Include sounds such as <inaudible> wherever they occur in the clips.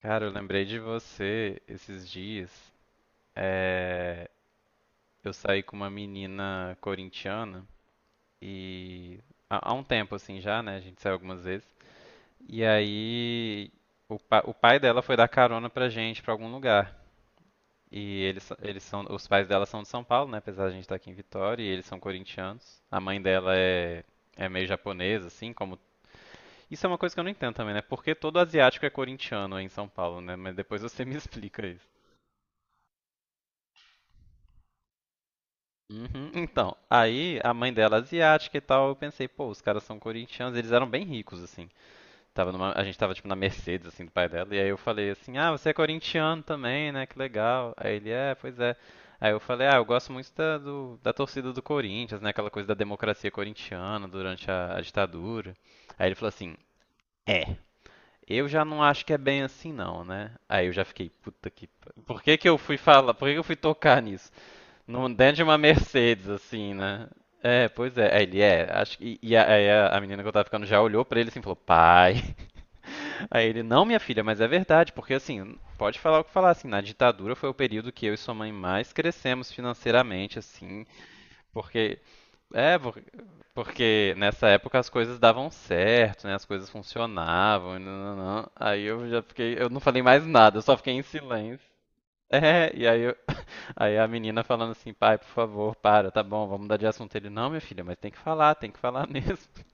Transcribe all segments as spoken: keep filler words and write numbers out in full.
Cara, eu lembrei de você esses dias. É. Eu saí com uma menina corintiana e há há um tempo assim já, né? A gente saiu algumas vezes. E aí o, pa- o pai dela foi dar carona pra gente pra algum lugar. E eles, são- eles são, os pais dela são de São Paulo, né? Apesar de a gente estar aqui em Vitória, e eles são corintianos. A mãe dela é, é meio japonesa, assim, como. Isso é uma coisa que eu não entendo também, né? Porque todo asiático é corintiano aí em São Paulo, né? Mas depois você <laughs> me explica isso. Uhum. Então, aí a mãe dela é asiática e tal, eu pensei, pô, os caras são corintianos, eles eram bem ricos, assim. Tava numa- a gente tava tipo na Mercedes, assim, do pai dela, e aí eu falei assim, ah, você é corintiano também, né? Que legal. Aí ele, é, pois é. Aí eu falei, ah, eu gosto muito da, do- da torcida do Corinthians, né? Aquela coisa da democracia corintiana durante a, a ditadura. Aí ele falou assim, é. Eu já não acho que é bem assim não, né? Aí eu já fiquei, puta que... pa- Por que que eu fui falar? Por que que eu fui tocar nisso? Num- dentro de uma Mercedes, assim, né? É, pois é. Aí Ele é, acho que. E a, aí a, a menina que eu tava ficando já olhou pra ele assim e falou, pai. <laughs> Aí ele, não, minha filha, mas é verdade, porque assim, pode falar o que falar, assim, na ditadura foi o período que eu e sua mãe mais crescemos financeiramente, assim, porque. É, por- Porque nessa época as coisas davam certo, né? As coisas funcionavam, e não, não, não. Aí eu já fiquei. Eu não falei mais nada, eu só fiquei em silêncio. É, e aí eu, Aí a menina falando assim, pai, por favor, para, tá bom, vamos mudar de assunto. Ele, não, minha filha, mas tem que falar, tem que falar mesmo. <laughs>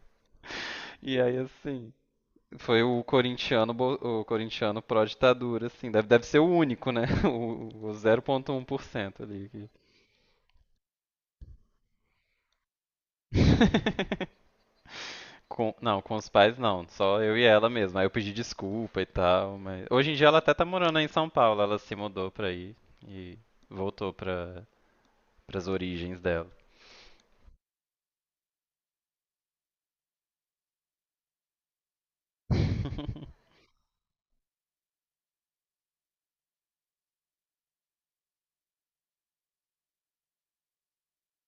E aí, assim, foi o corintiano, bo- o corintiano pró-ditadura, assim, deve, deve ser o único, né? <laughs> O, o zero vírgula um por cento ali. Que- <laughs> Com, não, com os pais não, só eu e ela mesmo. Aí eu pedi desculpa e tal, mas hoje em dia ela até tá morando aí em São Paulo, ela se mudou pra aí e voltou pra, pras origens dela. <laughs>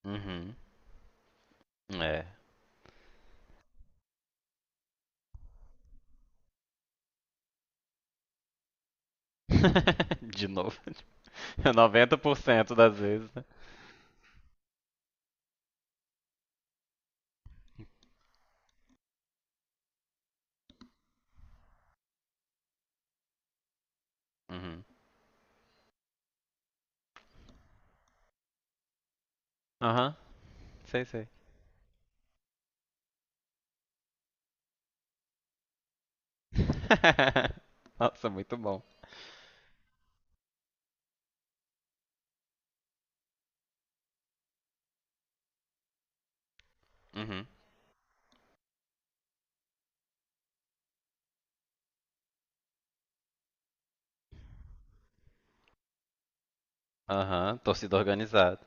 Uhum. É. <laughs> De novo. noventa por cento das vezes, né? Uhum. Aham, sei, sei. <laughs> Nossa, muito bom. Uhum. Aham, torcida organizada.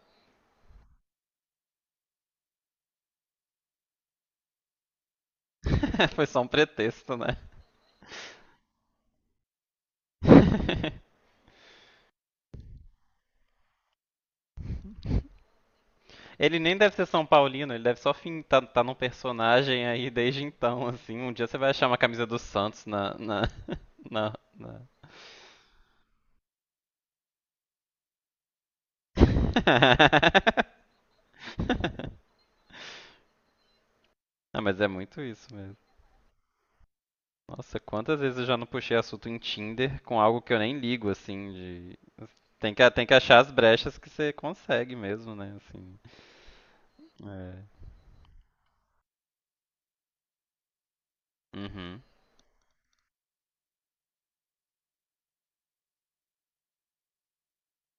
<laughs> Foi só um pretexto, né? <laughs> Ele nem deve ser São Paulino, ele deve só fim, tá, tá num personagem aí desde então, assim. Um dia você vai achar uma camisa do Santos na. na. na. na... <laughs> ah, mas é muito isso mesmo. Nossa, quantas vezes eu já não puxei assunto em Tinder com algo que eu nem ligo, assim, de... Tem que, tem que achar as brechas que você consegue mesmo, né, assim. É. Uhum,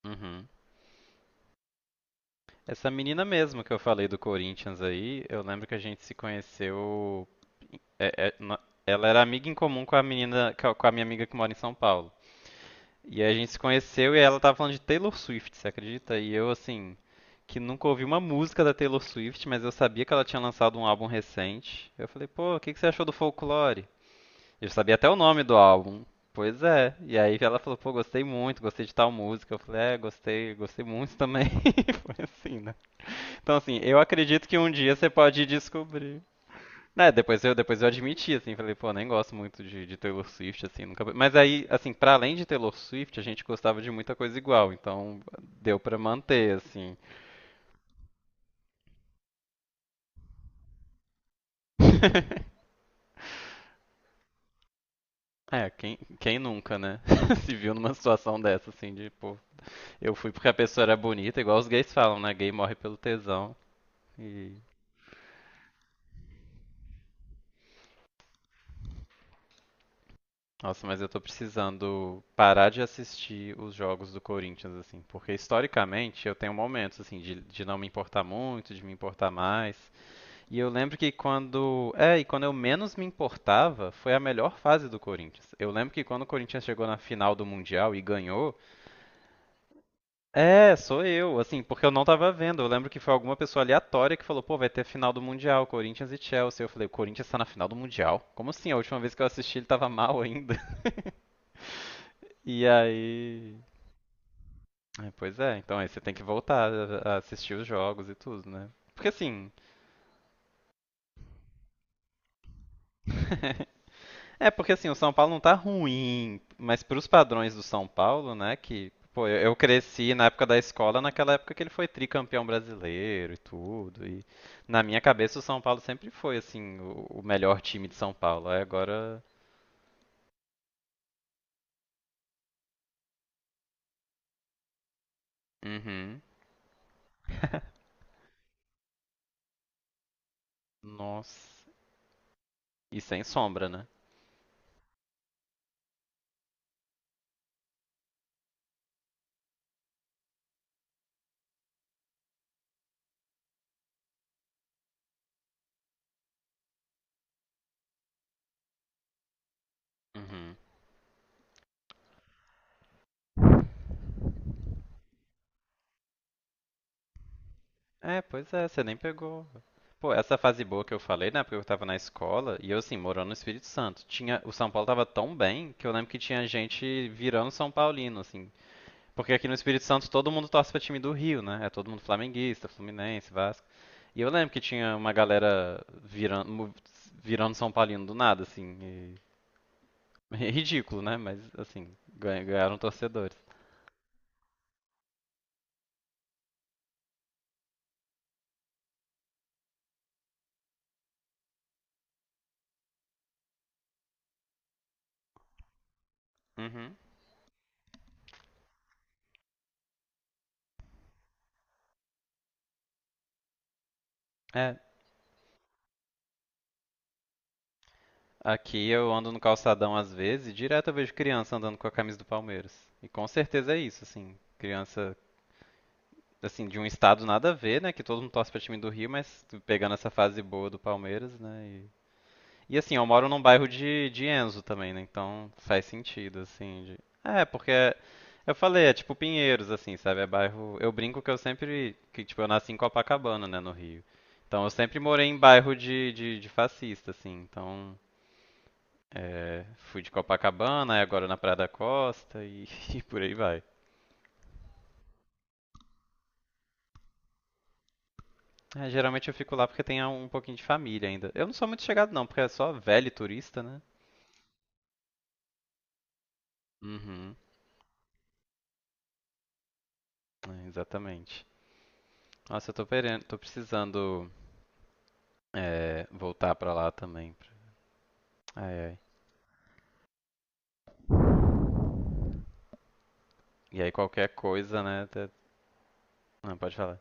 uhum. Essa menina mesmo que eu falei do Corinthians aí, eu lembro que a gente se conheceu... é- é- no- Ela era amiga em comum com a menina, com a com a minha amiga que mora em São Paulo. E a gente se conheceu e ela tava falando de Taylor Swift, você acredita? E eu, assim, que nunca ouvi uma música da Taylor Swift, mas eu sabia que ela tinha lançado um álbum recente. Eu falei, pô, o que que você achou do Folklore? Eu sabia até o nome do álbum. Pois é. E aí ela falou, pô, gostei muito, gostei de tal música. Eu falei, é, gostei, gostei muito também. <laughs> Foi assim, né? Então, assim, eu acredito que um dia você pode descobrir. É, depois eu, depois eu admiti, assim, falei, pô, nem gosto muito de, de Taylor Swift, assim, nunca... Mas aí, assim, pra além de Taylor Swift, a gente gostava de muita coisa igual, então deu pra manter, assim. <laughs> É, quem, quem nunca, né? <laughs> Se viu numa situação dessa, assim, de, pô, eu fui porque a pessoa era bonita, igual os gays falam, né? Gay morre pelo tesão. E, nossa, mas eu tô precisando parar de assistir os jogos do Corinthians, assim, porque historicamente eu tenho momentos, assim, de, de não me importar muito, de me importar mais. E eu lembro que quando. É, e quando eu menos me importava, foi a melhor fase do Corinthians. Eu lembro que quando o Corinthians chegou na final do Mundial e ganhou. É, sou eu, assim, porque eu não tava vendo. Eu lembro que foi alguma pessoa aleatória que falou, pô, vai ter final do Mundial, Corinthians e Chelsea. Eu falei, o Corinthians tá na final do Mundial? Como assim? A última vez que eu assisti ele tava mal ainda. <laughs> E aí. é, Pois é, então aí você tem que voltar a a assistir os jogos e tudo, né? Porque assim, <laughs> É, porque assim, o São Paulo não tá ruim, mas pros padrões do São Paulo, né, que, pô, eu, eu cresci na época da escola, naquela época que ele foi tricampeão brasileiro e tudo, e na minha cabeça o São Paulo sempre foi, assim, o, o melhor time de São Paulo. Aí agora, uhum, <laughs> nossa, e sem sombra, né? Uhum. É, pois é, você nem pegou. Pô, essa fase boa que eu falei, né? Porque eu tava na escola e eu, assim, morando no Espírito Santo. Tinha, o São Paulo tava tão bem que eu lembro que tinha gente virando São Paulino, assim. Porque aqui no Espírito Santo todo mundo torce pra time do Rio, né? É todo mundo flamenguista, Fluminense, Vasco. E eu lembro que tinha uma galera virando, virando São Paulino do nada, assim. e- <laughs> É ridículo, né? Mas, assim, ganha- ganharam torcedores. Uhum. É. Aqui eu ando no calçadão às vezes e direto eu vejo criança andando com a camisa do Palmeiras. E com certeza é isso, assim. Criança, assim, de um estado nada a ver, né? Que todo mundo torce pra time do Rio, mas pegando essa fase boa do Palmeiras, né? E assim, eu moro num bairro de, de Enzo também, né? Então faz sentido, assim. de- É, porque é- eu falei, é tipo Pinheiros, assim, sabe? É bairro. Eu brinco que eu sempre. Que, tipo, eu nasci em Copacabana, né, no Rio. Então eu sempre morei em bairro de, de, de fascista, assim. Então. é, fui de Copacabana, aí agora na Praia da Costa e, <laughs> e por aí vai. É, geralmente eu fico lá porque tem um pouquinho de família ainda. Eu não sou muito chegado, não, porque é só velho e turista, né? Uhum, é, exatamente. Nossa, eu tô, peren- tô precisando. é, voltar pra lá também. Ai, ai. E aí qualquer coisa, né? até- Não, pode falar.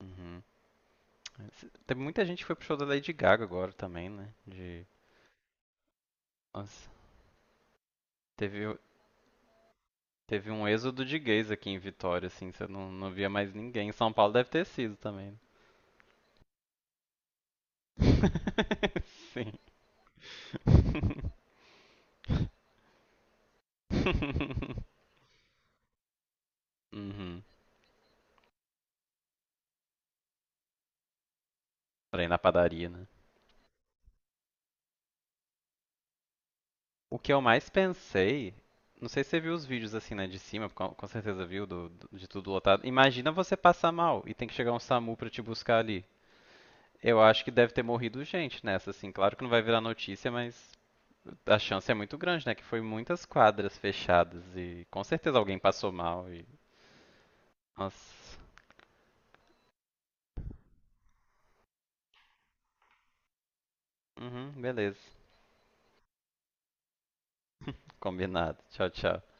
Uhum. Teve muita gente que foi pro show da Lady Gaga agora também, né? De. Nossa. Teve, teve um êxodo de gays aqui em Vitória, assim, você não, não via mais ninguém. Em São Paulo deve ter sido também. <laughs> Sim. <laughs> uhum. Pra ir na padaria, né? O que eu mais pensei, não sei se você viu os vídeos assim, né, de cima, com, com certeza viu, do- do- de tudo lotado. Imagina você passar mal e tem que chegar um SAMU pra te buscar ali. Eu acho que deve ter morrido gente nessa, assim. Claro que não vai virar notícia, mas a chance é muito grande, né? Que foi muitas quadras fechadas e com certeza alguém passou mal e. Nossa. Uhum, beleza. Combinado. Tchau, tchau.